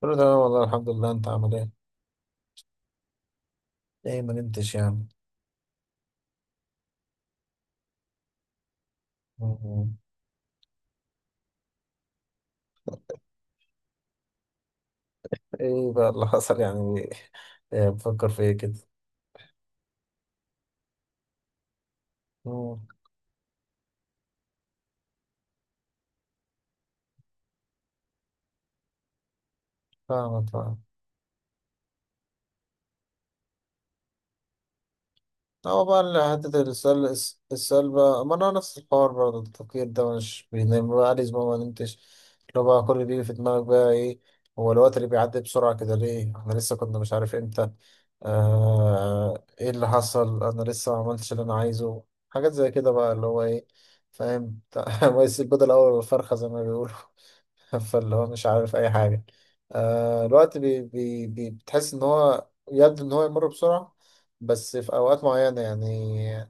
كله تمام والله الحمد لله، انت عامل ايه؟ ايه، ما نمتش يعني. مم. ايه بقى اللي حصل يعني؟ ايه بفكر في ايه كده؟ مم. فاهمك. هو بقى اللي حتة السلبة، ما أنا نفس الحوار، برضه التفكير ده مش بينام بقى، عادي، ما نمتش. لو بقى كل اللي بيجي في دماغك بقى إيه. هو الوقت اللي بيعدي بسرعة كده ليه؟ إحنا لسه كنا، مش عارف إمتى. إيه اللي حصل؟ أنا لسه ما عملتش اللي أنا عايزه. حاجات زي كده بقى، اللي هو إيه، فاهم؟ ما يسيب بدل أول الفرخة زي ما بيقولوا. فاللي هو مش عارف اي حاجه. آه، الوقت بي بي بي بتحس ان هو يبدو ان هو يمر بسرعه. بس في اوقات معينه يعني،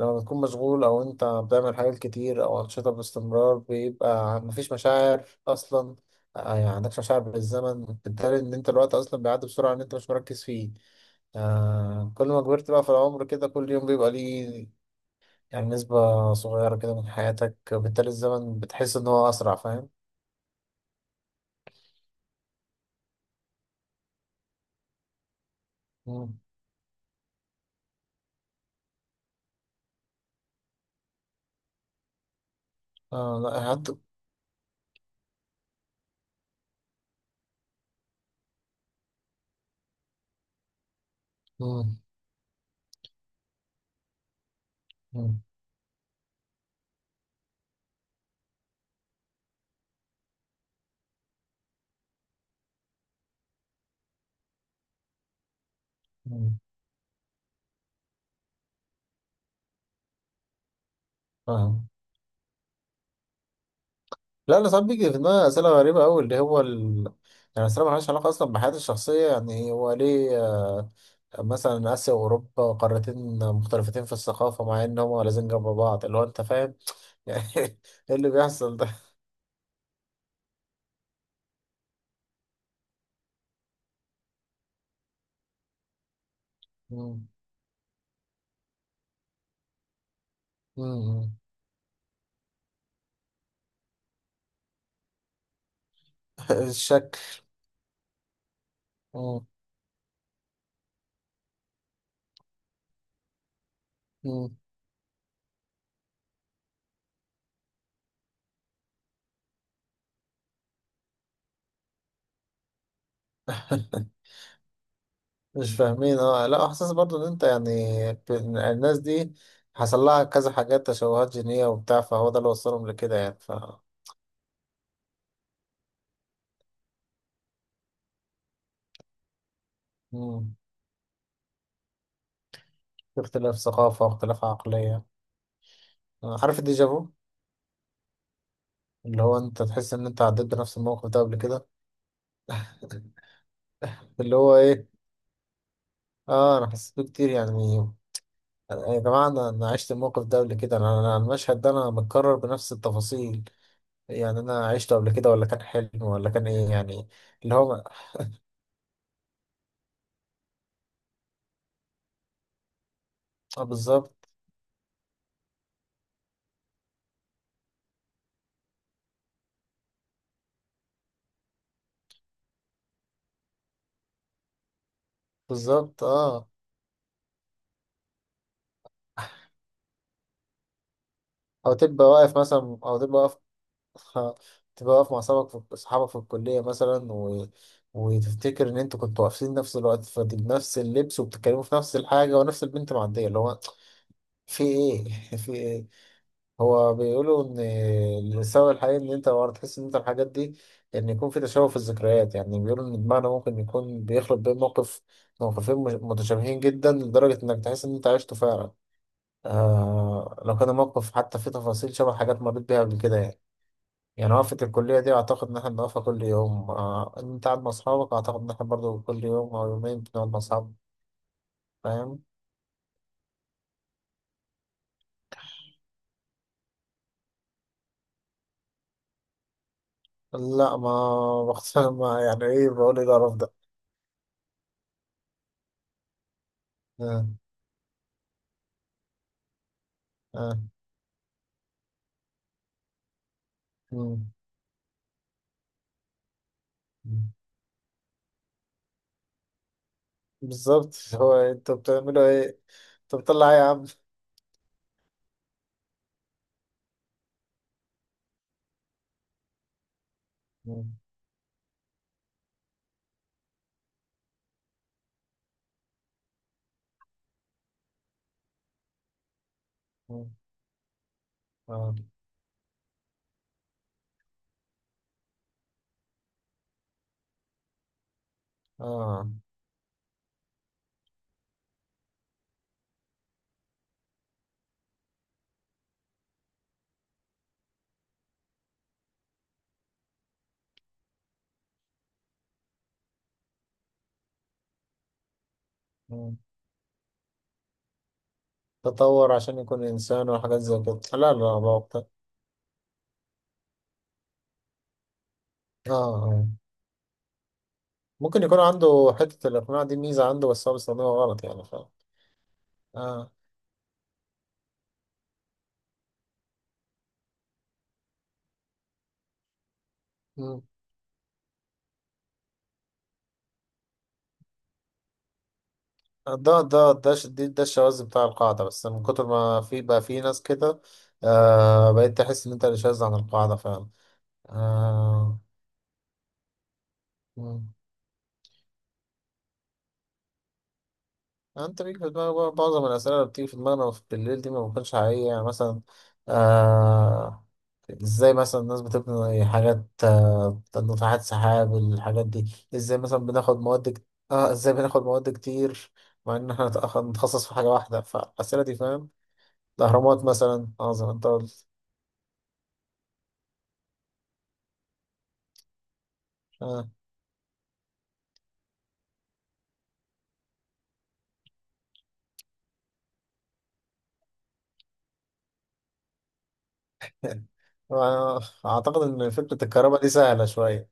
لما بتكون مشغول او انت بتعمل حاجات كتير او انشطه باستمرار، بيبقى مفيش مشاعر اصلا. آه يعني عندكش مشاعر بالزمن، بالتالي ان انت الوقت اصلا بيعدي بسرعه ان انت مش مركز فيه. آه، كل ما كبرت بقى في العمر كده، كل يوم بيبقى ليه يعني نسبة صغيرة كده من حياتك، بالتالي الزمن بتحس إن هو أسرع، فاهم؟ اه، لا حد. مم. مم. مم. فاهم. لا، انا ساعات بيجي في دماغي اسئله غريبه قوي، اللي هو يعني اسئله مالهاش علاقه اصلا بحياتي الشخصيه، يعني هو ليه آه، مثلا اسيا واوروبا قارتين مختلفتين في الثقافه مع ان هما لازم جنب بعض، اللي هو انت فاهم يعني ايه اللي بيحصل ده؟ مم. مم. مم. الشك. مم. مم. مش فاهمين، اه، لا احساس برضو ان انت يعني ب- الناس دي حصل لها كذا حاجات، تشوهات جينية وبتاع، فهو ده اللي وصلهم لكده يعني مم. في اختلاف ثقافة واختلاف عقلية. آه، عارف الديجافو؟ اللي هو انت تحس ان انت عديت بنفس الموقف ده قبل كده، اللي هو ايه. اه، انا حسيت بيه كتير يعني. يا جماعة، انا عشت الموقف ده قبل كده. انا، المشهد ده انا متكرر بنفس التفاصيل يعني، انا عشته قبل كده ولا كان حلم ولا كان ايه يعني، اللي هو. اه، بالظبط. بالظبط، اه. او تبقى واقف مثلا، او تبقى واقف. تبقى واقف مع اصحابك، في الكليه مثلا، وتفتكر ان انتوا كنتوا واقفين نفس الوقت في نفس اللبس وبتتكلموا في نفس الحاجه، ونفس البنت معديه، اللي هو في ايه؟ في ايه؟ هو بيقولوا ان السبب الحقيقي ان انت ورا تحس ان انت الحاجات دي، ان يكون في تشابه في الذكريات. يعني بيقولوا ان دماغنا ممكن يكون بيخلط بين موقفين متشابهين جدا لدرجه انك تحس ان انت عشته فعلا. آه، لو كان الموقف حتى فيه تفاصيل شبه حاجات مريت بيها قبل كده يعني. يعني وقفة الكلية دي، أعتقد إن إحنا بنقفها كل يوم. آه، أنت قاعد مع أصحابك، أعتقد إن إحنا برضه كل يوم أو يومين بنقعد مع أصحابنا، فاهم؟ لا، ما بختار. ما يعني إيه؟ بقول إيه القرف ده؟ آه. آه. مم. مم. بالظبط. هو أنتوا بتعملوا إيه؟ أنتوا بتطلع إيه يا عم؟ مم. مم. آه. آه. مم. تطور عشان يكون إنسان وحاجات زي كده، لا لا بختار. آه آه، ممكن يكون عنده حتة الإقناع دي ميزة عنده، بس هو بيستخدمها غلط يعني، فاهم؟ آه. ده الشواذ بتاع القاعدة، بس من كتر ما في بقى في ناس كده. آه، بقيت تحس إن أنت اللي شاذ عن القاعدة فعلا. آه. مم. آه، أنت بيجي في دماغك بقى معظم الأسئلة اللي بتيجي في دماغنا في بالليل دي ما بتكونش حقيقية، يعني مثلا آه، إزاي مثلا الناس بتبني حاجات، ناطحات سحاب الحاجات دي، إزاي مثلا بناخد مواد إزاي بناخد مواد كتير مع إن إحنا نتخصص في حاجة واحدة، فالأسئلة دي فاهم. الأهرامات مثلا، عظمة أنت قلت. آه. اعتقد ان فكره الكهرباء دي سهله شويه.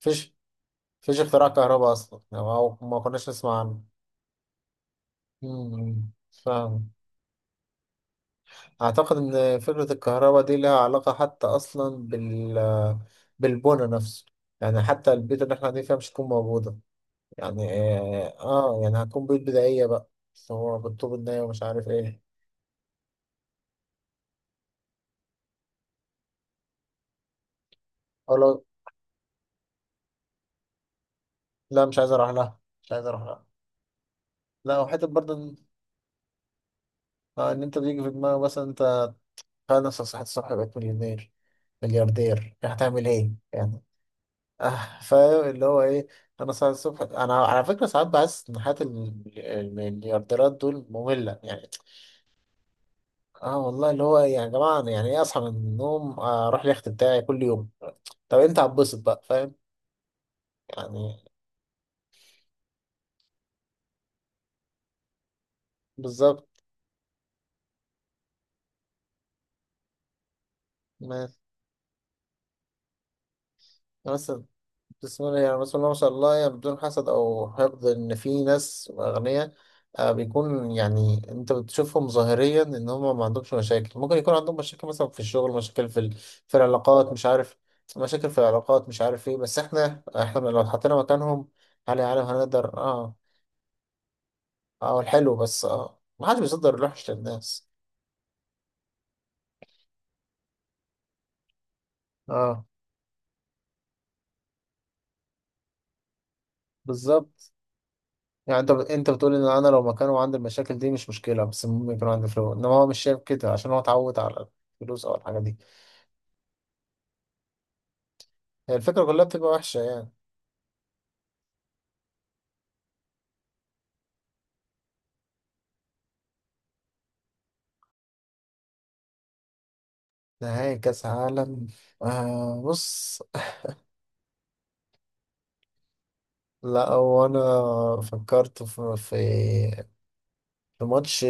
مفيش مفيش اختراع كهرباء اصلا يعني، او ما كناش نسمع عنه. أمم. فاهم. اعتقد ان فكره الكهرباء دي لها علاقه حتى اصلا بالبنى نفسه، يعني حتى البيت اللي احنا قاعدين فيها مش هتكون موجوده يعني. اه، آه، يعني هتكون بيوت بدائيه بقى، بس هو بالطوب الناي ومش عارف ايه. او لو، لا مش عايز اروح لها، مش عايز اروح لها. لا، وحته برضه ان آه، إن انت بيجي في دماغك مثلا انت، خلاص يا صاحبي الصبح بقيت مليونير، ملياردير، هتعمل ايه يعني؟ آه فاهم اللي هو ايه. انا صاحي الصبح، انا على فكره ساعات بحس ان حياه المليارديرات دول ممله يعني. اه والله، اللي هو يعني يا جماعه، أنا يعني ايه اصحى من النوم آه، اروح اليخت بتاعي كل يوم. طب انت هتبسط بقى فاهم يعني. بالظبط. ما- بس بسم الله يعني، بسم الله ما شاء الله يعني، بدون حسد او حقد، ان في ناس اغنياء آه، بيكون يعني انت بتشوفهم ظاهريا ان هم ما عندهمش مشاكل، ممكن يكون عندهم مشاكل مثلا في الشغل، مشاكل في في العلاقات، مش عارف، مشاكل في العلاقات، مش عارف ايه، بس احنا لو اتحطينا مكانهم هل يا عالم هنقدر؟ اه. اه الحلو بس، اه ما حدش بيصدر الوحش للناس. اه بالظبط. يعني انت بتقول ان انا لو مكانه وعندي المشاكل دي مش مشكله، بس المهم يكون عندي فلوس، انما هو مش شايف كده عشان هو اتعود على الفلوس او الحاجه دي. هي الفكره كلها بتبقى وحشه يعني. نهائي كاس عالم. آه بص، لا هو انا فكرت في، في ماتش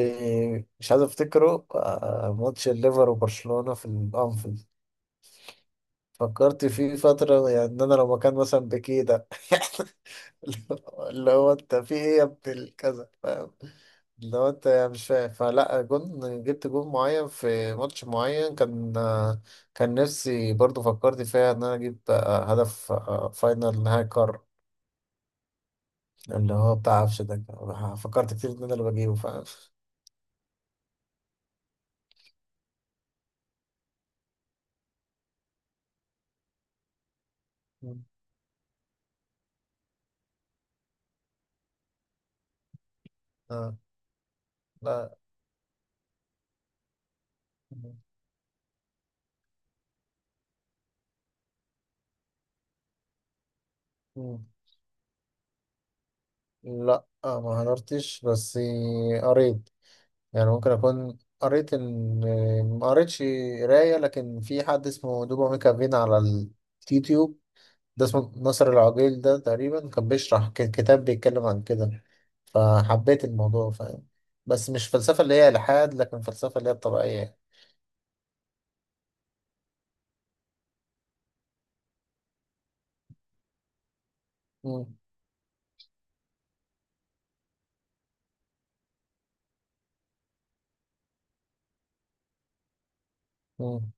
مش عايز افتكره، آه، ماتش الليفر وبرشلونه في الانفيلد. فكرت فيه فتره، يعني ان انا لو مكان مثلا بكيه ده. اللي هو انت في ايه يا ابن الكذا، فاهم؟ اللي هو انت يعني مش فاهم، فلا جون، جبت جون معين في ماتش معين كان، كان نفسي برضو فكرت فيها ان انا اجيب آه، هدف، فاينل، نهائي قارة، اللي هو بتاع عفش ده. فكرت كتير ان انا اللي بجيبه، فاهم؟ آه. لا. مم. لا آه، ما حضرتش، بس قريت. يعني ممكن أكون قريت إن ما قريتش، قراية، لكن في حد اسمه دوبا ميكافين على اليوتيوب، ده اسمه ناصر العقيل، ده تقريبا كان بيشرح كتاب بيتكلم عن كده، فحبيت الموضوع فاهم. بس مش فلسفة اللي هي إلحاد، لكن فلسفة اللي هي الطبيعية. مم. مم.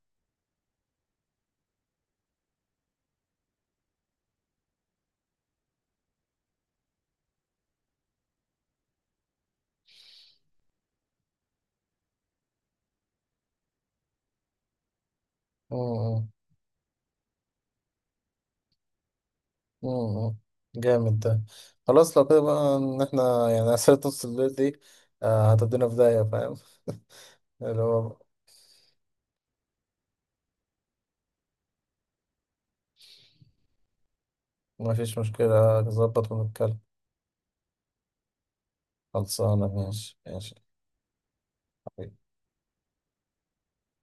مم. مم. جامد ده. خلاص لو كده بقى إن إحنا يعني أسئلة نص الليل دي آه، هتدينا في داهية، فاهم؟ اللي هو. مفيش مشكلة، نظبط ونتكلم. خلصانة، ماشي ماشي.